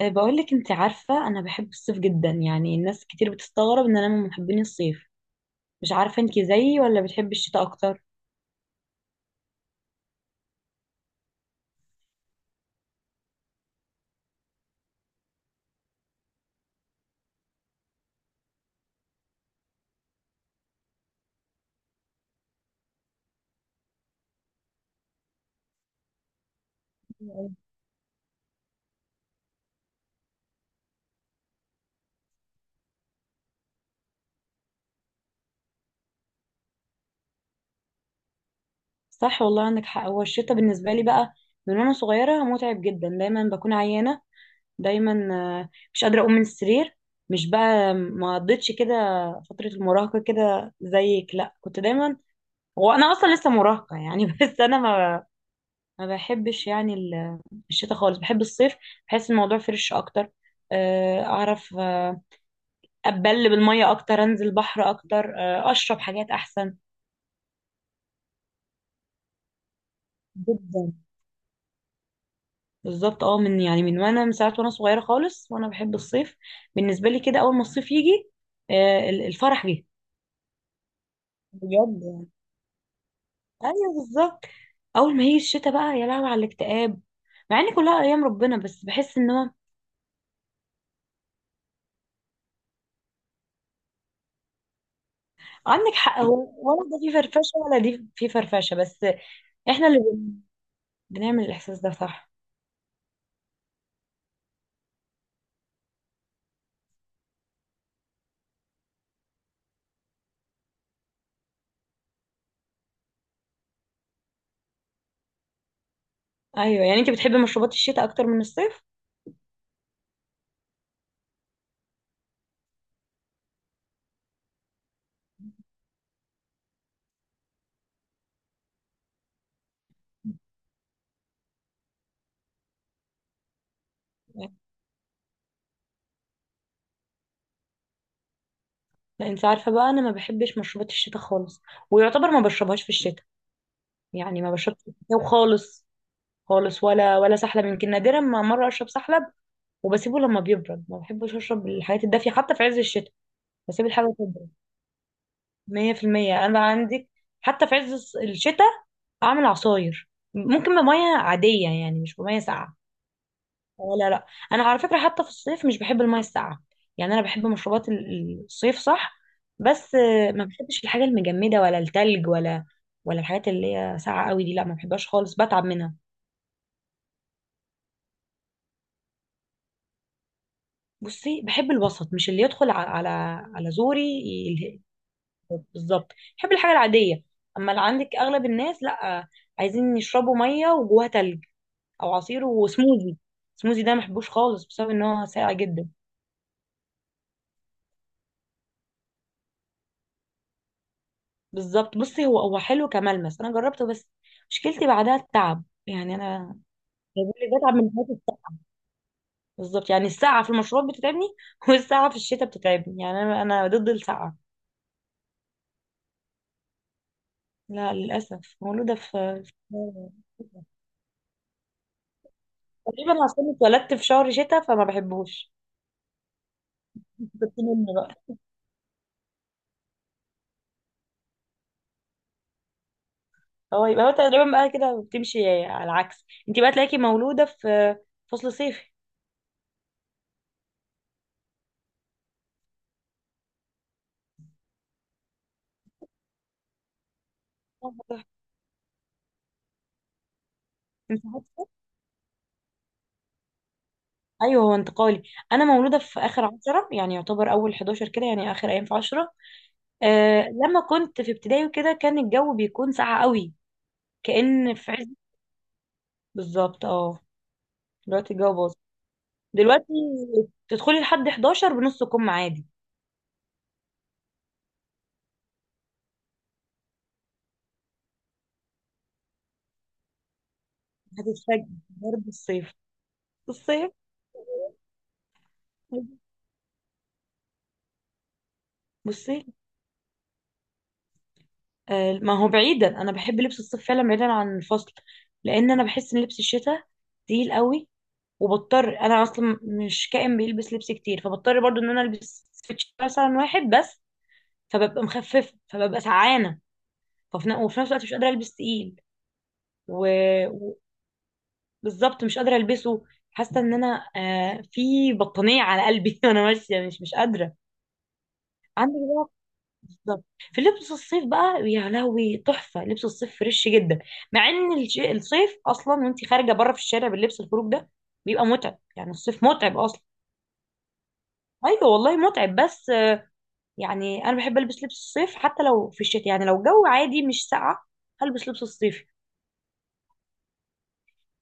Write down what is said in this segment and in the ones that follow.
بقولك انت عارفة انا بحب الصيف جدا، يعني الناس كتير بتستغرب ان انا من محبين الصيف. مش عارفة انت زيي ولا بتحبي الشتاء اكتر؟ صح والله، عندك حق. هو الشتاء بالنسبة لي بقى من وانا صغيرة متعب جدا، دايما بكون عيانة دايما. مش قادرة اقوم من السرير. مش بقى ما قضيتش كده فترة المراهقة كده زيك، لا كنت دايما. هو انا اصلا لسه مراهقة يعني. بس انا ما بحبش يعني الشتاء خالص، بحب الصيف. بحس الموضوع فريش اكتر، اعرف. اتبل بالميه اكتر، انزل بحر اكتر، اشرب حاجات احسن. جدا. بالظبط اه، من يعني، من وانا، من ساعه وانا صغيره خالص وانا بحب الصيف. بالنسبه لي كده، اول ما الصيف يجي الفرح جه، بجد يعني. ايوه بالظبط. اول ما هي الشتاء بقى، يا لهوي على الاكتئاب. مع ان كلها ايام ربنا، بس بحس ان هو عندك حق، هو ولا ده فيه فرفشه ولا دي فيه فرفشه بس. احنا اللي بنعمل الاحساس ده، صح. ايوه. يعني انت بتحبي مشروبات الشتاء اكتر من الصيف؟ لا، انت عارفه بقى، انا ما بحبش مشروبات الشتاء خالص، ويعتبر ما بشربهاش في الشتاء. يعني ما بشربش في الشتاء خالص خالص، ولا سحلب، يمكن نادرا ما مره اشرب سحلب وبسيبه لما بيبرد. ما بحبش اشرب الحاجات الدافيه حتى في عز الشتاء. بسيب الحاجه تبرد. 100% انا عندي. حتى في عز الشتاء اعمل عصاير، ممكن بميه عاديه يعني، مش بميه ساقعه. لا لا، انا على فكره حتى في الصيف مش بحب الميه الساقعه. يعني انا بحب مشروبات الصيف، صح. بس ما بحبش الحاجه المجمده ولا التلج ولا الحاجات اللي هي ساقعه قوي دي، لا ما بحبهاش خالص، بتعب منها. بصي، بحب الوسط، مش اللي يدخل على زوري بالظبط، بحب الحاجه العاديه. اما اللي عندك اغلب الناس، لا عايزين يشربوا ميه وجواها تلج، او عصير وسموزي. سموزي ده ما بحبوش خالص، بسبب ان هو ساقع جدا. بالظبط. بصي، هو حلو كملمس، انا جربته بس مشكلتي بعدها التعب، يعني انا بيقول لي بتعب من ناحيه السقعه. بالظبط، يعني السقعه في المشروبات بتتعبني. والسقعه في الشتاء بتتعبني، يعني انا ضد السقعه. لا للاسف، مولوده في في- تقريبا عشان اتولدت في شهر شتاء فما بحبوش. كنت منه بقى. هو يبقى هو تقريبا بقى كده بتمشي على العكس، انت بقى تلاقيكي مولوده في فصل صيفي. انت؟ ايوه، هو انتقالي. انا مولوده في اخر 10، يعني يعتبر اول 11 كده، يعني اخر ايام في 10. لما كنت في ابتدائي وكده كان الجو بيكون ساقع قوي، كأن في عز. بالظبط اه، دلوقتي الجو باظ. دلوقتي تدخلي لحد 11 بنص كم عادي، هتتفاجئي برد الصيف. الصيف. بصي، ما هو بعيدا، انا بحب لبس الصيف فعلا بعيدا عن الفصل، لان انا بحس ان لبس الشتاء تقيل قوي. وبضطر، انا اصلا مش كائن بيلبس لبس كتير، فبضطر برضو ان انا البس سويتش مثلا واحد بس، فببقى مخففه فببقى سعانه. ففي ن- وفي نفس الوقت مش قادره البس تقيل. و- وبالظبط مش قادره البسه. حاسه ان انا في بطانيه على قلبي. وانا ماشيه مش قادره. عندي بقى، بالظبط. في لبس الصيف بقى، يا لهوي، تحفه. لبس الصيف فريش جدا، مع ان الصيف اصلا وانت خارجه بره في الشارع باللبس الخروج ده بيبقى متعب، يعني الصيف متعب اصلا. ايوه والله، متعب بس. يعني انا بحب البس لبس الصيف حتى لو في الشتاء، يعني لو الجو عادي مش ساقع هلبس لبس الصيف.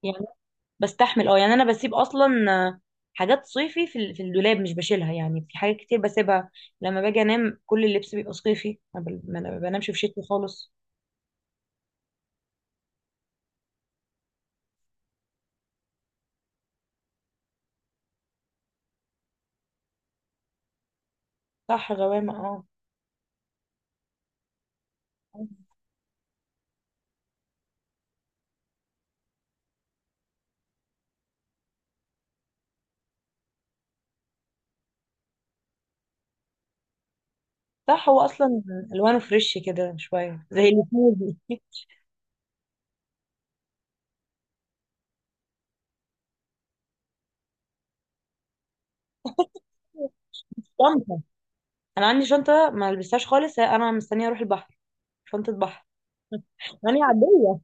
يعني بستحمل اه، يعني انا بسيب اصلا آه، حاجات صيفي في الدولاب مش بشيلها، يعني في حاجات كتير بسيبها. لما باجي انام كل اللبس بيبقى صيفي، ما أنا بنامش في شتوي خالص. صح، غوامة اه. صح، هو اصلا الوانه فريش كده شويه زي اللي فيه. شنطه. انا عندي شنطه ما لبستهاش خالص، انا مستنيه اروح البحر. شنطه بحر. يعني عاديه.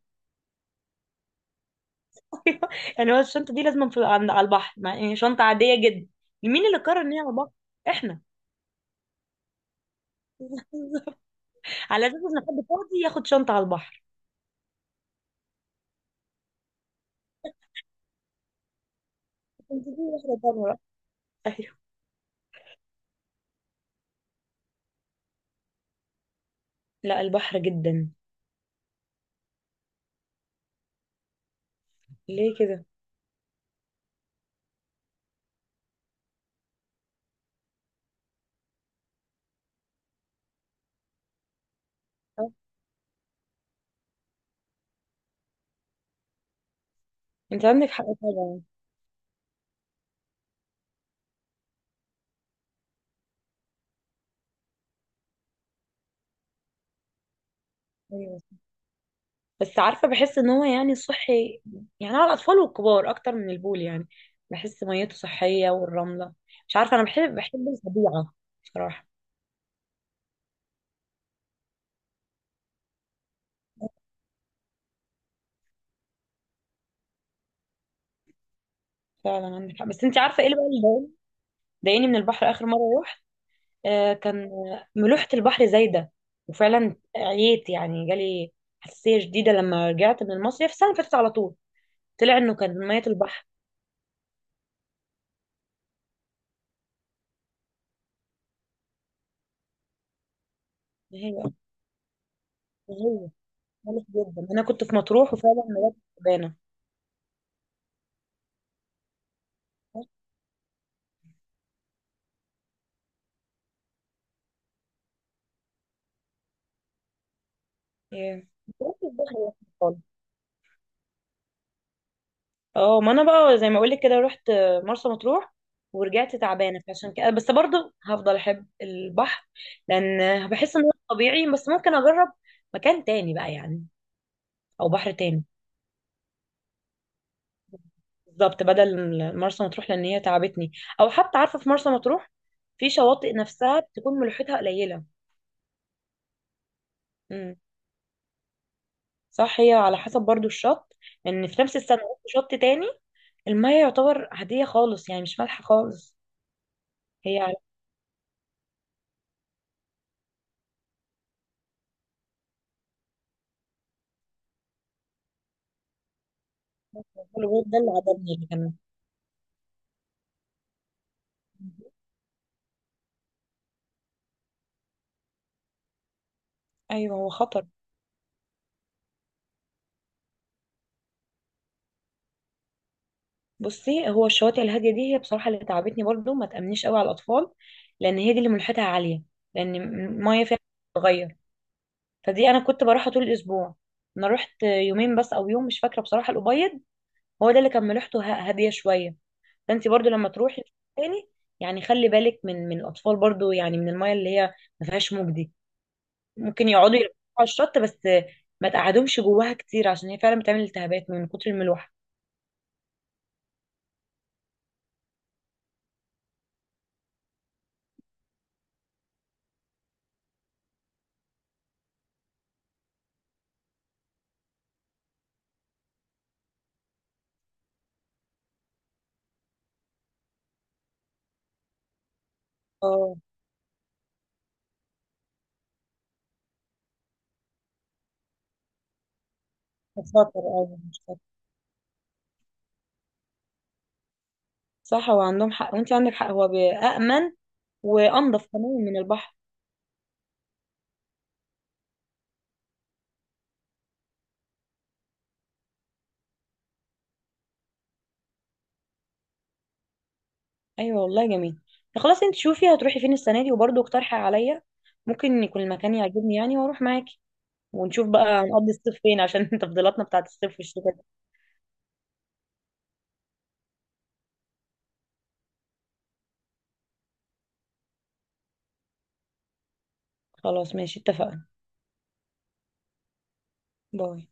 يعني هو الشنطة دي لازم في على البحر، مع يعني شنطة عادية جدا. مين اللي قرر ان هي على البحر؟ احنا. على اساس ان حد فاضي ياخد شنطة على البحر. كنت دي واحدة تانية بقى. ايوه. لا، البحر جدا. ليه كده؟ آه، انت عندك حق طبعا. أيوة. بس عارفة، بحس ان هو يعني صحي، يعني على الاطفال والكبار اكتر من البول يعني. بحس ميته صحية والرملة. مش عارفة، انا بحب الطبيعة بصراحة. فعلا عندك حق. بس انت عارفة ايه اللي بقى اللي ضايقني، ضايقني من البحر اخر مرة. كان ملوحة البحر زايدة، وفعلا عييت، يعني جالي حساسية شديدة لما رجعت من المصيف السنة اللي فاتت على طول. طلع انه كان مية البحر. هي هي ملح جدا، انا كنت في مطروح وفعلا مرات تعبانة. إيه. مطروح في البحر يا أخي خالص. اه ما انا بقى زي ما اقولك كده، رحت مرسى مطروح ورجعت تعبانة. فعشان كده بس برضه هفضل احب البحر، لان بحس انه طبيعي. بس ممكن اجرب مكان تاني بقى يعني، او بحر تاني. بالظبط بدل مرسى مطروح، لان هي تعبتني. او حتى عارفه في مرسى مطروح، في شواطئ نفسها بتكون ملوحتها قليله. امم، صح، هي على حسب برضو الشط. ان في نفس السنه رحت شط تاني، الميه يعتبر عاديه خالص، يعني مش مالحه خالص. هي على الغوص ده اللي عجبني اللي كان. ايوه، هو خطر. بصي، هو الشواطئ الهاديه دي هي بصراحه اللي تعبتني برضو، ما تامنيش قوي على الاطفال، لان هي دي اللي ملوحتها عاليه، لان الميه فيها بتتغير. فدي انا كنت بروحها طول الاسبوع، انا رحت يومين بس او يوم، مش فاكره بصراحه. الابيض هو ده اللي كان ملوحته هاديه شويه. فانت برضو لما تروحي تاني، يعني خلي بالك من الاطفال برضو، يعني من المايه اللي هي ما فيهاش موج دي. ممكن يقعدوا يلعبوا على الشط بس، ما تقعدهمش جواها كتير عشان هي فعلا بتعمل التهابات من كتر الملوحه. اه خطر، اه مش خطر. صح، هو عندهم حق، وانت عندك حق. هو أأمن وأنضف كمان من البحر. ايوه والله، جميل. طب خلاص، انت شوفي هتروحي فين السنه دي وبرضه اقترحي عليا، ممكن يكون المكان يعجبني يعني واروح معاكي. ونشوف بقى هنقضي الصيف فين عشان تفضيلاتنا بتاعت الصيف والشتاء دي. خلاص ماشي، اتفقنا. باي.